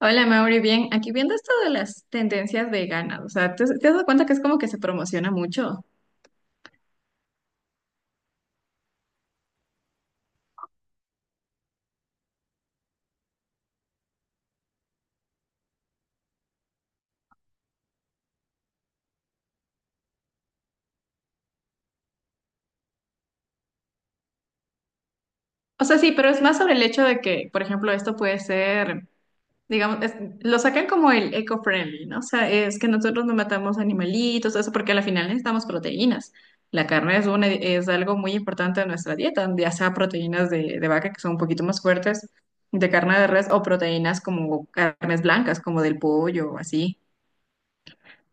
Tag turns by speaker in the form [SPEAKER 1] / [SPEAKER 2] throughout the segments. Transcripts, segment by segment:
[SPEAKER 1] Hola Mauri, bien, aquí viendo esto de las tendencias veganas, o sea, ¿te has dado cuenta que es como que se promociona mucho? O sea, sí, pero es más sobre el hecho de que, por ejemplo, esto puede ser, digamos, lo sacan como el eco-friendly, ¿no? O sea, es que nosotros no matamos animalitos, eso, porque al final necesitamos proteínas. La carne es una, es algo muy importante de nuestra dieta, ya sea proteínas de vaca que son un poquito más fuertes, de carne de res, o proteínas como carnes blancas, como del pollo o así.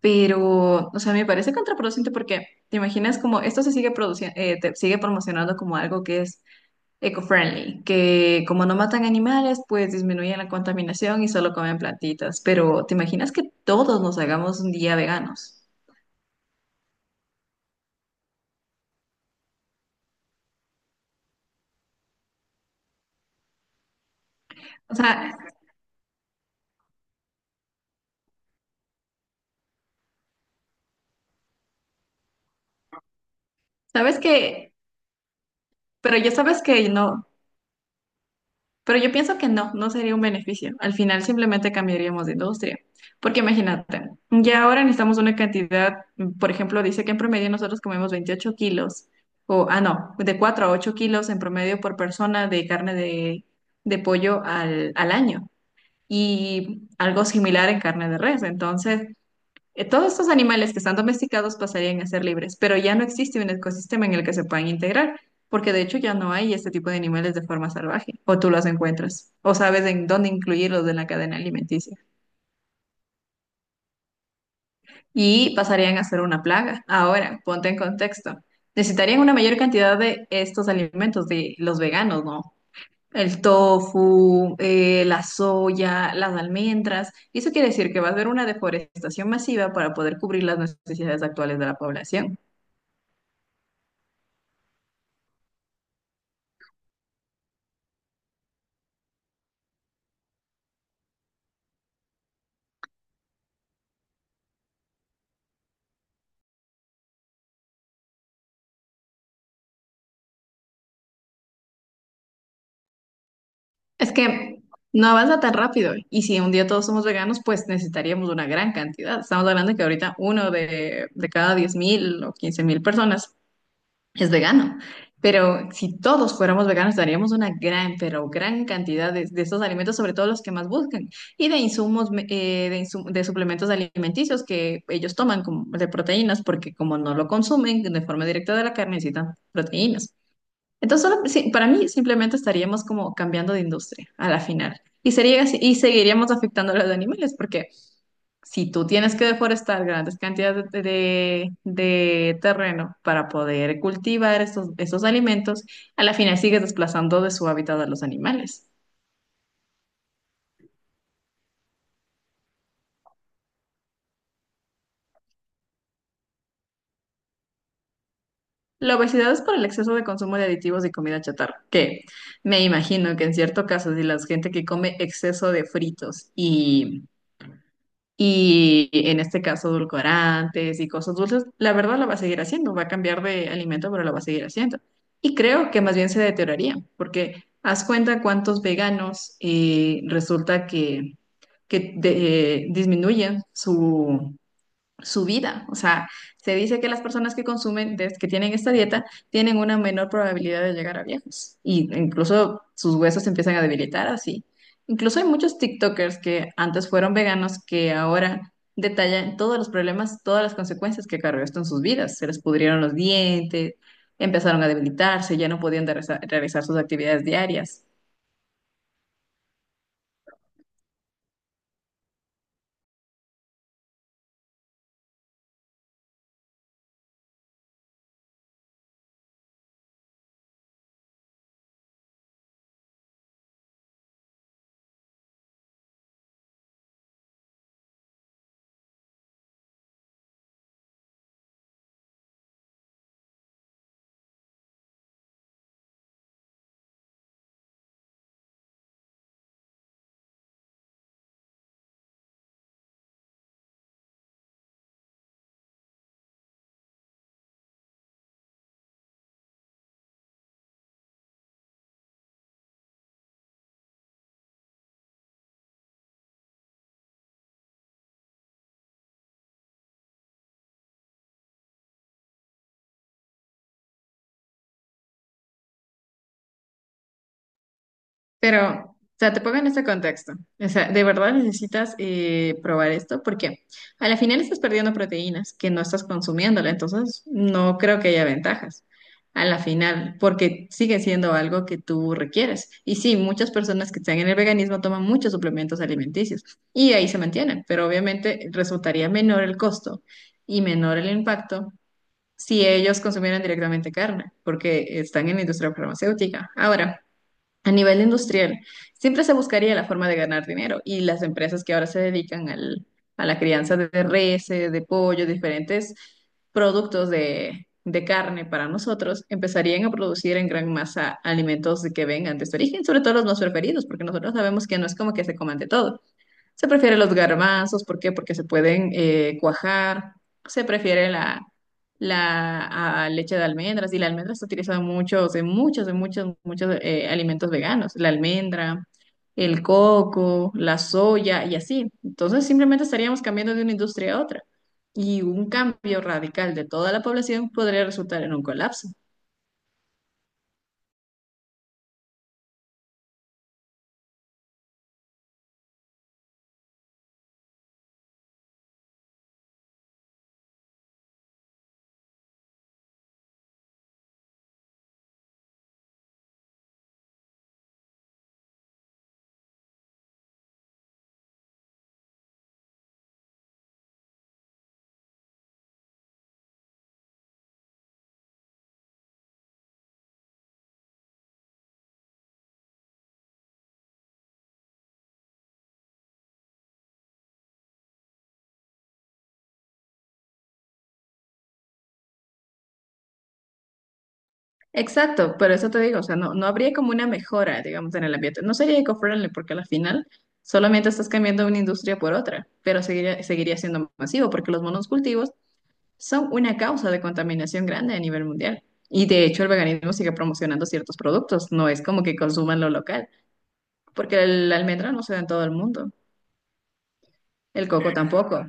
[SPEAKER 1] Pero, o sea, me parece contraproducente porque te imaginas como esto se sigue produciendo, te sigue promocionando como algo que es eco-friendly, que como no matan animales, pues disminuyen la contaminación y solo comen plantitas. Pero, ¿te imaginas que todos nos hagamos un día veganos? O sea, sabes que, pero ya sabes que no. Pero yo pienso que no sería un beneficio. Al final simplemente cambiaríamos de industria. Porque imagínate, ya ahora necesitamos una cantidad, por ejemplo, dice que en promedio nosotros comemos 28 kilos, o, ah, no, de 4 a 8 kilos en promedio por persona de carne de pollo al año. Y algo similar en carne de res. Entonces, todos estos animales que están domesticados pasarían a ser libres, pero ya no existe un ecosistema en el que se puedan integrar, porque de hecho ya no hay este tipo de animales de forma salvaje, o tú los encuentras, o sabes en dónde incluirlos en la cadena alimenticia, y pasarían a ser una plaga. Ahora, ponte en contexto. Necesitarían una mayor cantidad de estos alimentos de los veganos, ¿no? El tofu, la soya, las almendras. Y eso quiere decir que va a haber una deforestación masiva para poder cubrir las necesidades actuales de la población. Es que no avanza tan rápido. Y si un día todos somos veganos, pues necesitaríamos una gran cantidad. Estamos hablando de que ahorita uno de cada 10.000 o 15.000 personas es vegano. Pero si todos fuéramos veganos, daríamos una gran, pero gran cantidad de estos alimentos, sobre todo los que más buscan, y de insumos, de suplementos alimenticios que ellos toman como de proteínas, porque como no lo consumen de forma directa de la carne, necesitan proteínas. Entonces, sí, para mí simplemente estaríamos como cambiando de industria a la final. Y sería, y seguiríamos afectando a los animales, porque si tú tienes que deforestar grandes cantidades de terreno para poder cultivar esos alimentos, a la final sigues desplazando de su hábitat a los animales. La obesidad es por el exceso de consumo de aditivos y comida chatarra, que me imagino que en cierto caso, si la gente que come exceso de fritos y en este caso, edulcorantes y cosas dulces, la verdad la va a seguir haciendo, va a cambiar de alimento, pero la va a seguir haciendo. Y creo que más bien se deterioraría, porque haz cuenta cuántos veganos resulta que, disminuyen su vida. O sea, se dice que las personas que consumen, que tienen esta dieta, tienen una menor probabilidad de llegar a viejos. Y incluso sus huesos se empiezan a debilitar así. Incluso hay muchos TikTokers que antes fueron veganos que ahora detallan todos los problemas, todas las consecuencias que cargó esto en sus vidas. Se les pudrieron los dientes, empezaron a debilitarse, ya no podían realizar sus actividades diarias. Pero, o sea, te pongo en este contexto. O sea, de verdad necesitas probar esto porque a la final estás perdiendo proteínas que no estás consumiéndola, entonces no creo que haya ventajas a la final porque sigue siendo algo que tú requieres. Y sí, muchas personas que están en el veganismo toman muchos suplementos alimenticios y ahí se mantienen, pero obviamente resultaría menor el costo y menor el impacto si ellos consumieran directamente carne porque están en la industria farmacéutica. Ahora. A nivel industrial, siempre se buscaría la forma de ganar dinero y las empresas que ahora se dedican a la crianza de reses, de pollo, diferentes productos de carne para nosotros, empezarían a producir en gran masa alimentos que vengan de este origen, sobre todo los más preferidos, porque nosotros sabemos que no es como que se coman de todo. Se prefieren los garbanzos, ¿por qué? Porque se pueden cuajar. Se prefiere la leche de almendras y la almendra se utiliza mucho en muchos, muchos alimentos veganos. La almendra, el coco, la soya y así. Entonces simplemente estaríamos cambiando de una industria a otra. Y un cambio radical de toda la población podría resultar en un colapso. Exacto, pero eso te digo, o sea, no habría como una mejora, digamos, en el ambiente. No sería eco-friendly porque al final solamente estás cambiando una industria por otra, pero seguiría siendo masivo porque los monocultivos son una causa de contaminación grande a nivel mundial. Y de hecho el veganismo sigue promocionando ciertos productos, no es como que consuman lo local, porque el almendra no se da en todo el mundo, el coco tampoco,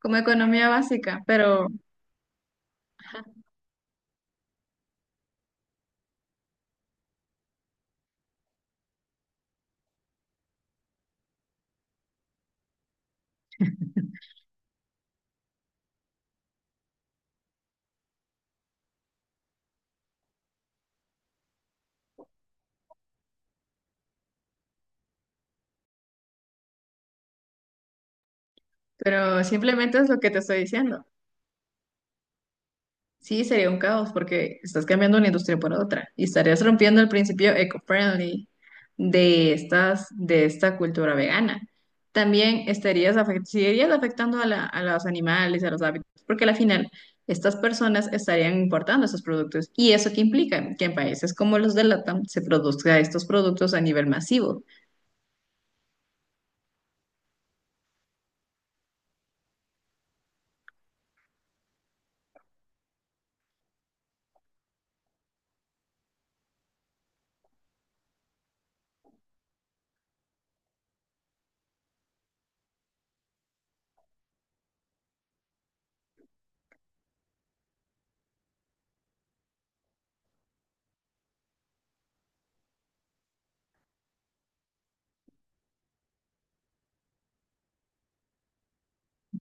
[SPEAKER 1] como economía básica, pero simplemente es lo que te estoy diciendo. Sí, sería un caos porque estás cambiando una industria por otra y estarías rompiendo el principio eco-friendly de de esta cultura vegana. También estarías seguirías afectando a, a los animales, a los hábitos, porque al final estas personas estarían importando esos productos. ¿Y eso qué implica? Que en países como los de LATAM se produzca estos productos a nivel masivo,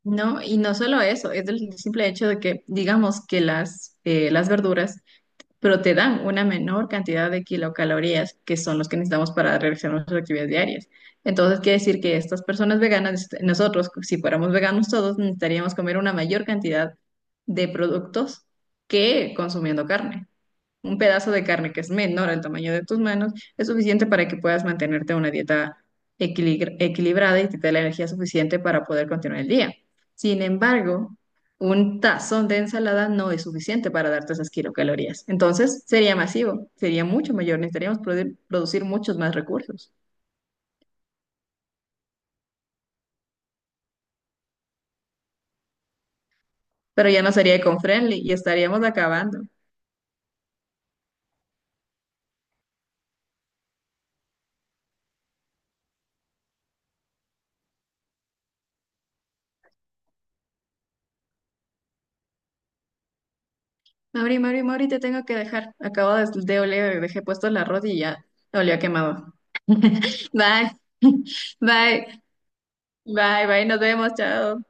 [SPEAKER 1] ¿no? Y no solo eso, es el simple hecho de que, digamos, que las verduras pero te dan una menor cantidad de kilocalorías que son los que necesitamos para realizar nuestras actividades diarias. Entonces, quiere decir que estas personas veganas, nosotros, si fuéramos veganos todos, necesitaríamos comer una mayor cantidad de productos que consumiendo carne. Un pedazo de carne que es menor al tamaño de tus manos es suficiente para que puedas mantenerte una dieta equilibrada y te dé la energía suficiente para poder continuar el día. Sin embargo, un tazón de ensalada no es suficiente para darte esas kilocalorías. Entonces, sería masivo, sería mucho mayor, necesitaríamos producir muchos más recursos. Pero ya no sería eco-friendly y estaríamos acabando. Mauri, Mauri, Mauri, te tengo que dejar. Acabo de oler, dejé puesto la rodilla. Olió a quemado. Bye. Bye. Bye, bye, nos vemos, chao.